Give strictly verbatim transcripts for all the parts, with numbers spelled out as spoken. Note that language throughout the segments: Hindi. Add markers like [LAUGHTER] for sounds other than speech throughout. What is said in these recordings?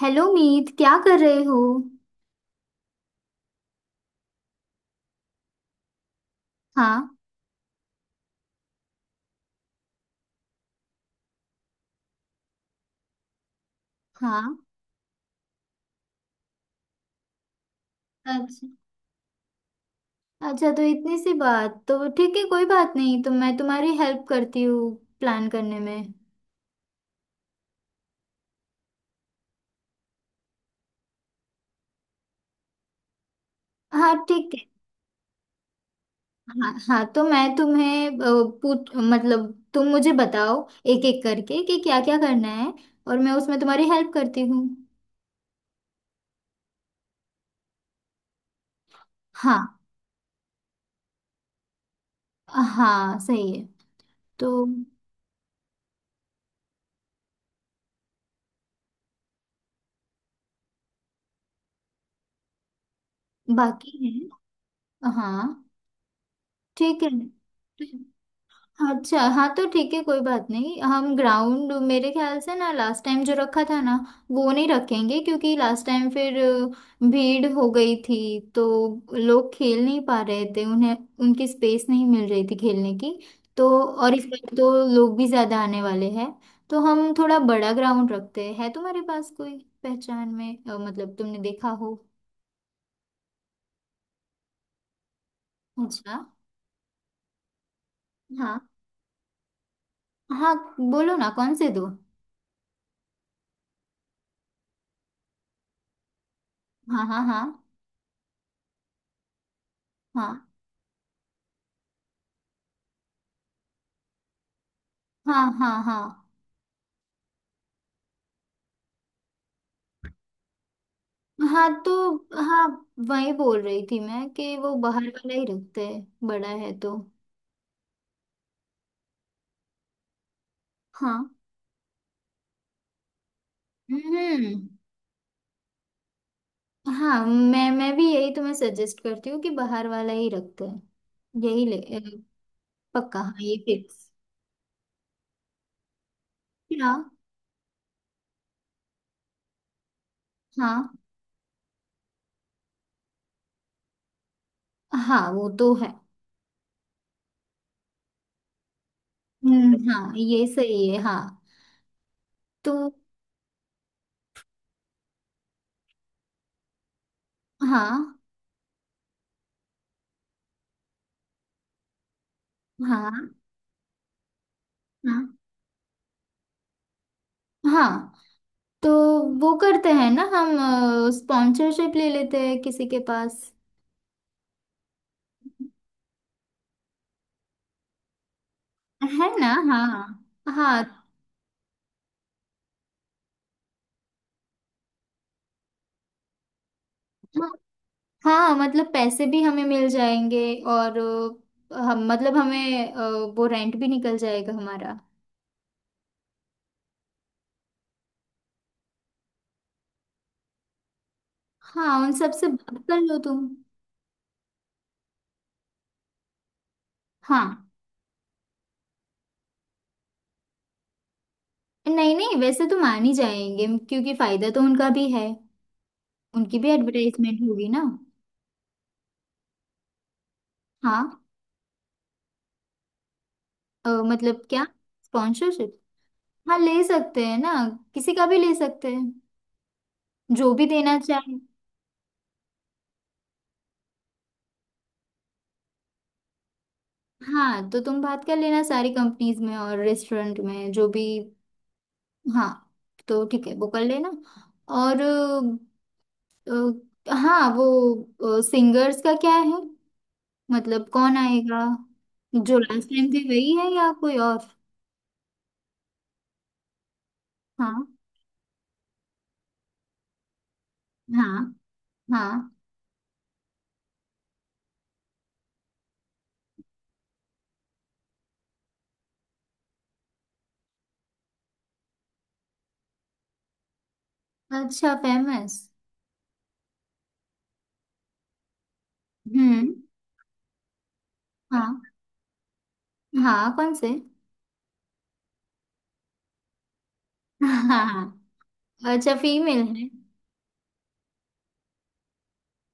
हेलो मीत, क्या कर रहे हो? हाँ। हाँ, अच्छा। अच्छा तो इतनी सी बात, तो ठीक है, कोई बात नहीं, तो मैं तुम्हारी हेल्प करती हूँ प्लान करने में। हाँ ठीक है। हाँ हाँ तो मैं तुम्हें अ, पूछ मतलब तुम मुझे बताओ एक एक करके कि क्या क्या करना है, और मैं उसमें तुम्हारी हेल्प करती हूँ। हाँ हाँ सही है। तो बाकी है। हाँ ठीक है। अच्छा हाँ, तो ठीक है कोई बात नहीं। हम ग्राउंड मेरे ख्याल से ना लास्ट टाइम जो रखा था ना, वो नहीं रखेंगे, क्योंकि लास्ट टाइम फिर अ, भीड़ हो गई थी, तो लोग खेल नहीं पा रहे थे, उन्हें उनकी स्पेस नहीं मिल रही थी खेलने की। तो और इस बार तो लोग भी ज़्यादा आने वाले हैं, तो हम थोड़ा बड़ा ग्राउंड रखते हैं। है तुम्हारे पास कोई पहचान में अ, मतलब तुमने देखा हो? अच्छा। हाँ हाँ, बोलो ना कौन से दो। हाँ हाँ हाँ। हाँ। हाँ हाँ। हाँ हाँ तो। हाँ वही बोल रही थी मैं कि वो बाहर वाला ही रखते हैं, बड़ा है तो। हाँ। हम्म। हाँ मैं मैं भी यही तुम्हें सजेस्ट करती हूँ कि बाहर वाला ही रखते हैं। यही ले अ, पक्का, हाँ ये फिक्स। हाँ। हाँ। हाँ वो तो है। हम्म हाँ, ये सही है। हाँ तो। हाँ। हाँ। हाँ हाँ, तो वो करते हैं ना हम, स्पॉन्सरशिप ले लेते हैं किसी के पास। है ना। हाँ। हाँ। हाँ हाँ, मतलब पैसे भी हमें मिल जाएंगे। और अ, हम मतलब हमें अ, वो रेंट भी निकल जाएगा हमारा। हाँ उन सब से बात कर लो तुम। हाँ। नहीं नहीं, वैसे तो मान ही जाएंगे क्योंकि फायदा तो उनका भी है, उनकी भी एडवर्टाइजमेंट होगी ना। हाँ। अ, मतलब क्या? स्पॉन्सरशिप। हाँ ले सकते हैं ना, किसी का भी ले सकते हैं, जो भी देना चाहे। हाँ तो तुम बात कर लेना सारी कंपनीज में और रेस्टोरेंट में जो भी। हाँ। तो ठीक है, वो कर लेना। और अ, अ, हाँ, वो सिंगर्स का क्या है, मतलब कौन आएगा? जो लास्ट टाइम थे वही है या कोई और? हाँ। हाँ। हाँ। अच्छा, फेमस। हम्म। हाँ। हाँ कौन से [LAUGHS] हाँ हाँ, हाँ। अच्छा, फीमेल है।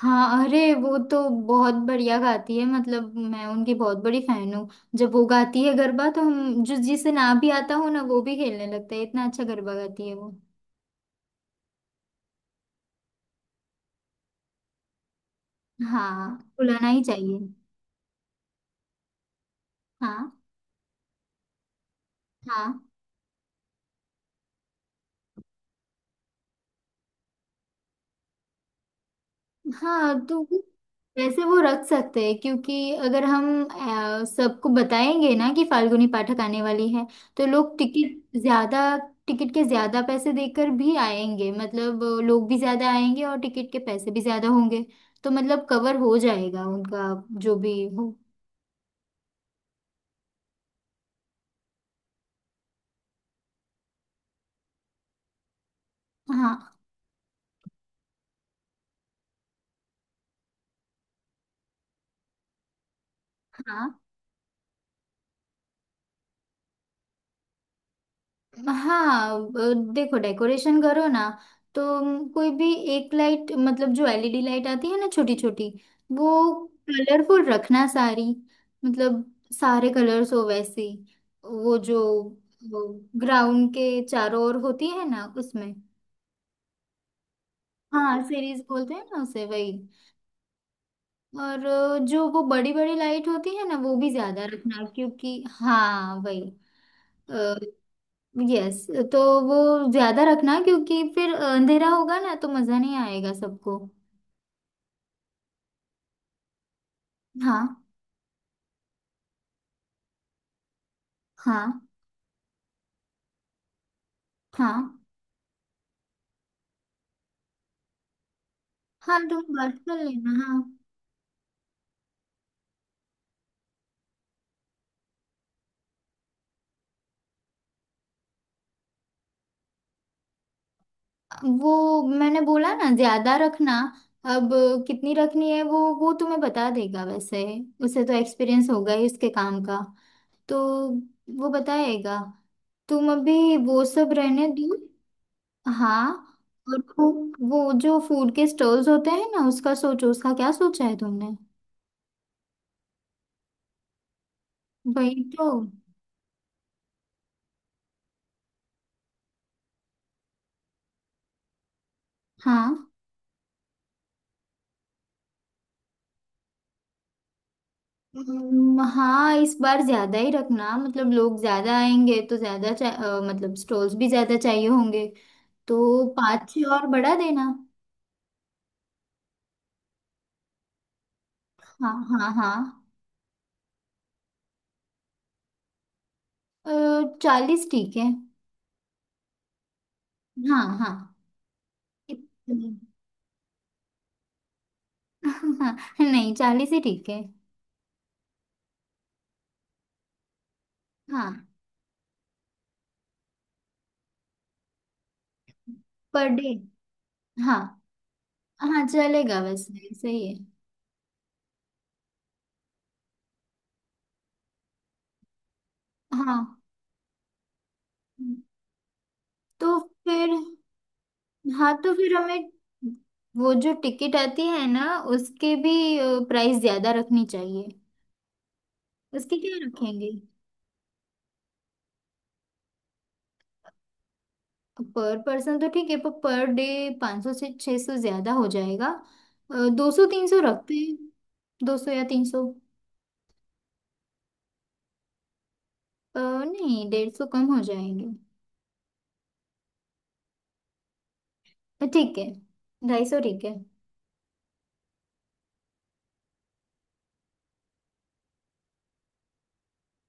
हाँ अरे, वो तो बहुत बढ़िया गाती है, मतलब मैं उनकी बहुत बड़ी फैन हूँ। जब वो गाती है गरबा तो हम, जो जिसे ना भी आता हो ना, वो भी खेलने लगता है। इतना अच्छा गरबा गाती है वो। हाँ, बुलाना ही चाहिए। हाँ। हाँ। हाँ तो वैसे वो रख सकते हैं, क्योंकि अगर हम अ, सबको बताएंगे ना कि फाल्गुनी पाठक आने वाली है, तो लोग टिकट ज्यादा, टिकट के ज्यादा पैसे देकर भी आएंगे। मतलब अ, लोग भी ज्यादा आएंगे और टिकट के पैसे भी ज्यादा होंगे, तो मतलब कवर हो जाएगा उनका, जो भी हो। हाँ। हाँ। हाँ अ, देखो, डेकोरेशन करो ना, तो अम, कोई भी एक लाइट, मतलब जो एलईडी लाइट आती है ना छोटी छोटी, वो कलरफुल रखना सारी, मतलब सारे कलर्स हो वैसी। वो जो ग्राउंड के चारों ओर होती है ना, उसमें। हाँ सीरीज बोलते हैं ना उसे, वही। और अ, जो वो बड़ी बड़ी लाइट होती है ना, वो भी ज्यादा रखना क्योंकि, हाँ वही। यस। तो वो ज्यादा रखना, क्योंकि फिर अंधेरा होगा ना तो मजा नहीं आएगा सबको। हाँ। हाँ। हाँ, हाँ तुम बात कर लेना। हाँ वो मैंने बोला ना ज्यादा रखना। अब कितनी रखनी है वो वो तुम्हें बता देगा वैसे। उसे तो एक्सपीरियंस होगा ही उसके काम का, तो वो बताएगा। तुम अभी वो सब रहने दो। हाँ। और वो वो जो फूड के स्टॉल्स होते हैं ना, उसका सोचो, उसका क्या सोचा है तुमने? वही तो। हाँ। हम्म, हाँ इस बार ज्यादा ही रखना, मतलब लोग ज्यादा आएंगे तो ज्यादा चा- अ, मतलब स्टॉल्स भी ज्यादा चाहिए होंगे। तो पाँच छः और बढ़ा देना। हाँ। हाँ। हाँ, चालीस ठीक है। हाँ हाँ इतने। [LAUGHS] हाँ नहीं, चालीस ही ठीक है। हाँ, पर डे। हाँ। हाँ चलेगा, वैसे सही है। हाँ तो फिर। हाँ तो फिर हमें, वो जो टिकट आती है ना, उसके भी प्राइस ज्यादा रखनी चाहिए। उसके क्या रखेंगे? पर पर्सन तो ठीक है पर पर डे पाँच सौ से छह सौ ज्यादा हो जाएगा। दो सौ तीन सौ रखते हैं। दो सौ या तीन सौ। नहीं, डेढ़ सौ कम हो जाएंगे। अ, ठीक है, ढाई सौ ठीक है।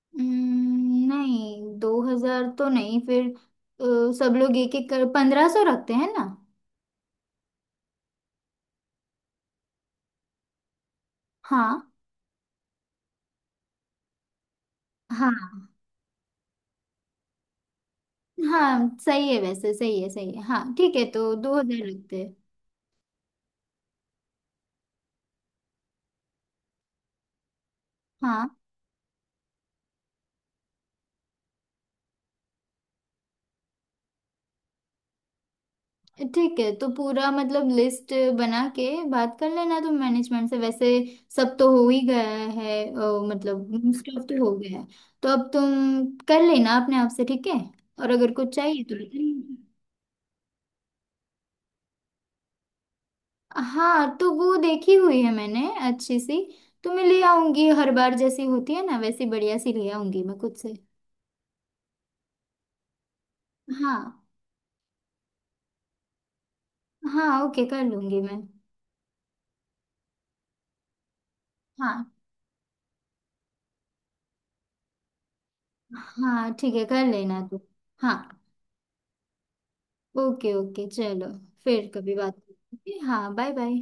हम्म, नहीं दो हजार तो नहीं फिर। अ, सब लोग एक एक कर पंद्रह सौ रखते हैं ना। हाँ। हाँ। हाँ सही है, वैसे सही है, सही है। हाँ ठीक है, तो दो हजार लगते हैं। हाँ ठीक है, तो पूरा मतलब लिस्ट बना के बात कर लेना तुम मैनेजमेंट से वैसे। सब तो हो ही गया है, अ, मतलब मोस्ट ऑफ तो हो गया है। तो अब तुम कर लेना अपने आप से, ठीक है, और अगर कुछ चाहिए तो बता लेना। हाँ तो वो देखी हुई है मैंने, अच्छी सी। तो मैं ले आऊंगी, हर बार जैसी होती है ना वैसी बढ़िया सी ले आऊंगी मैं खुद से। हाँ। हाँ ओके, कर लूंगी मैं। हाँ। हाँ ठीक है, कर लेना तू। हाँ। ओके ओके, चलो फिर कभी बात करते हैं। हाँ बाय बाय।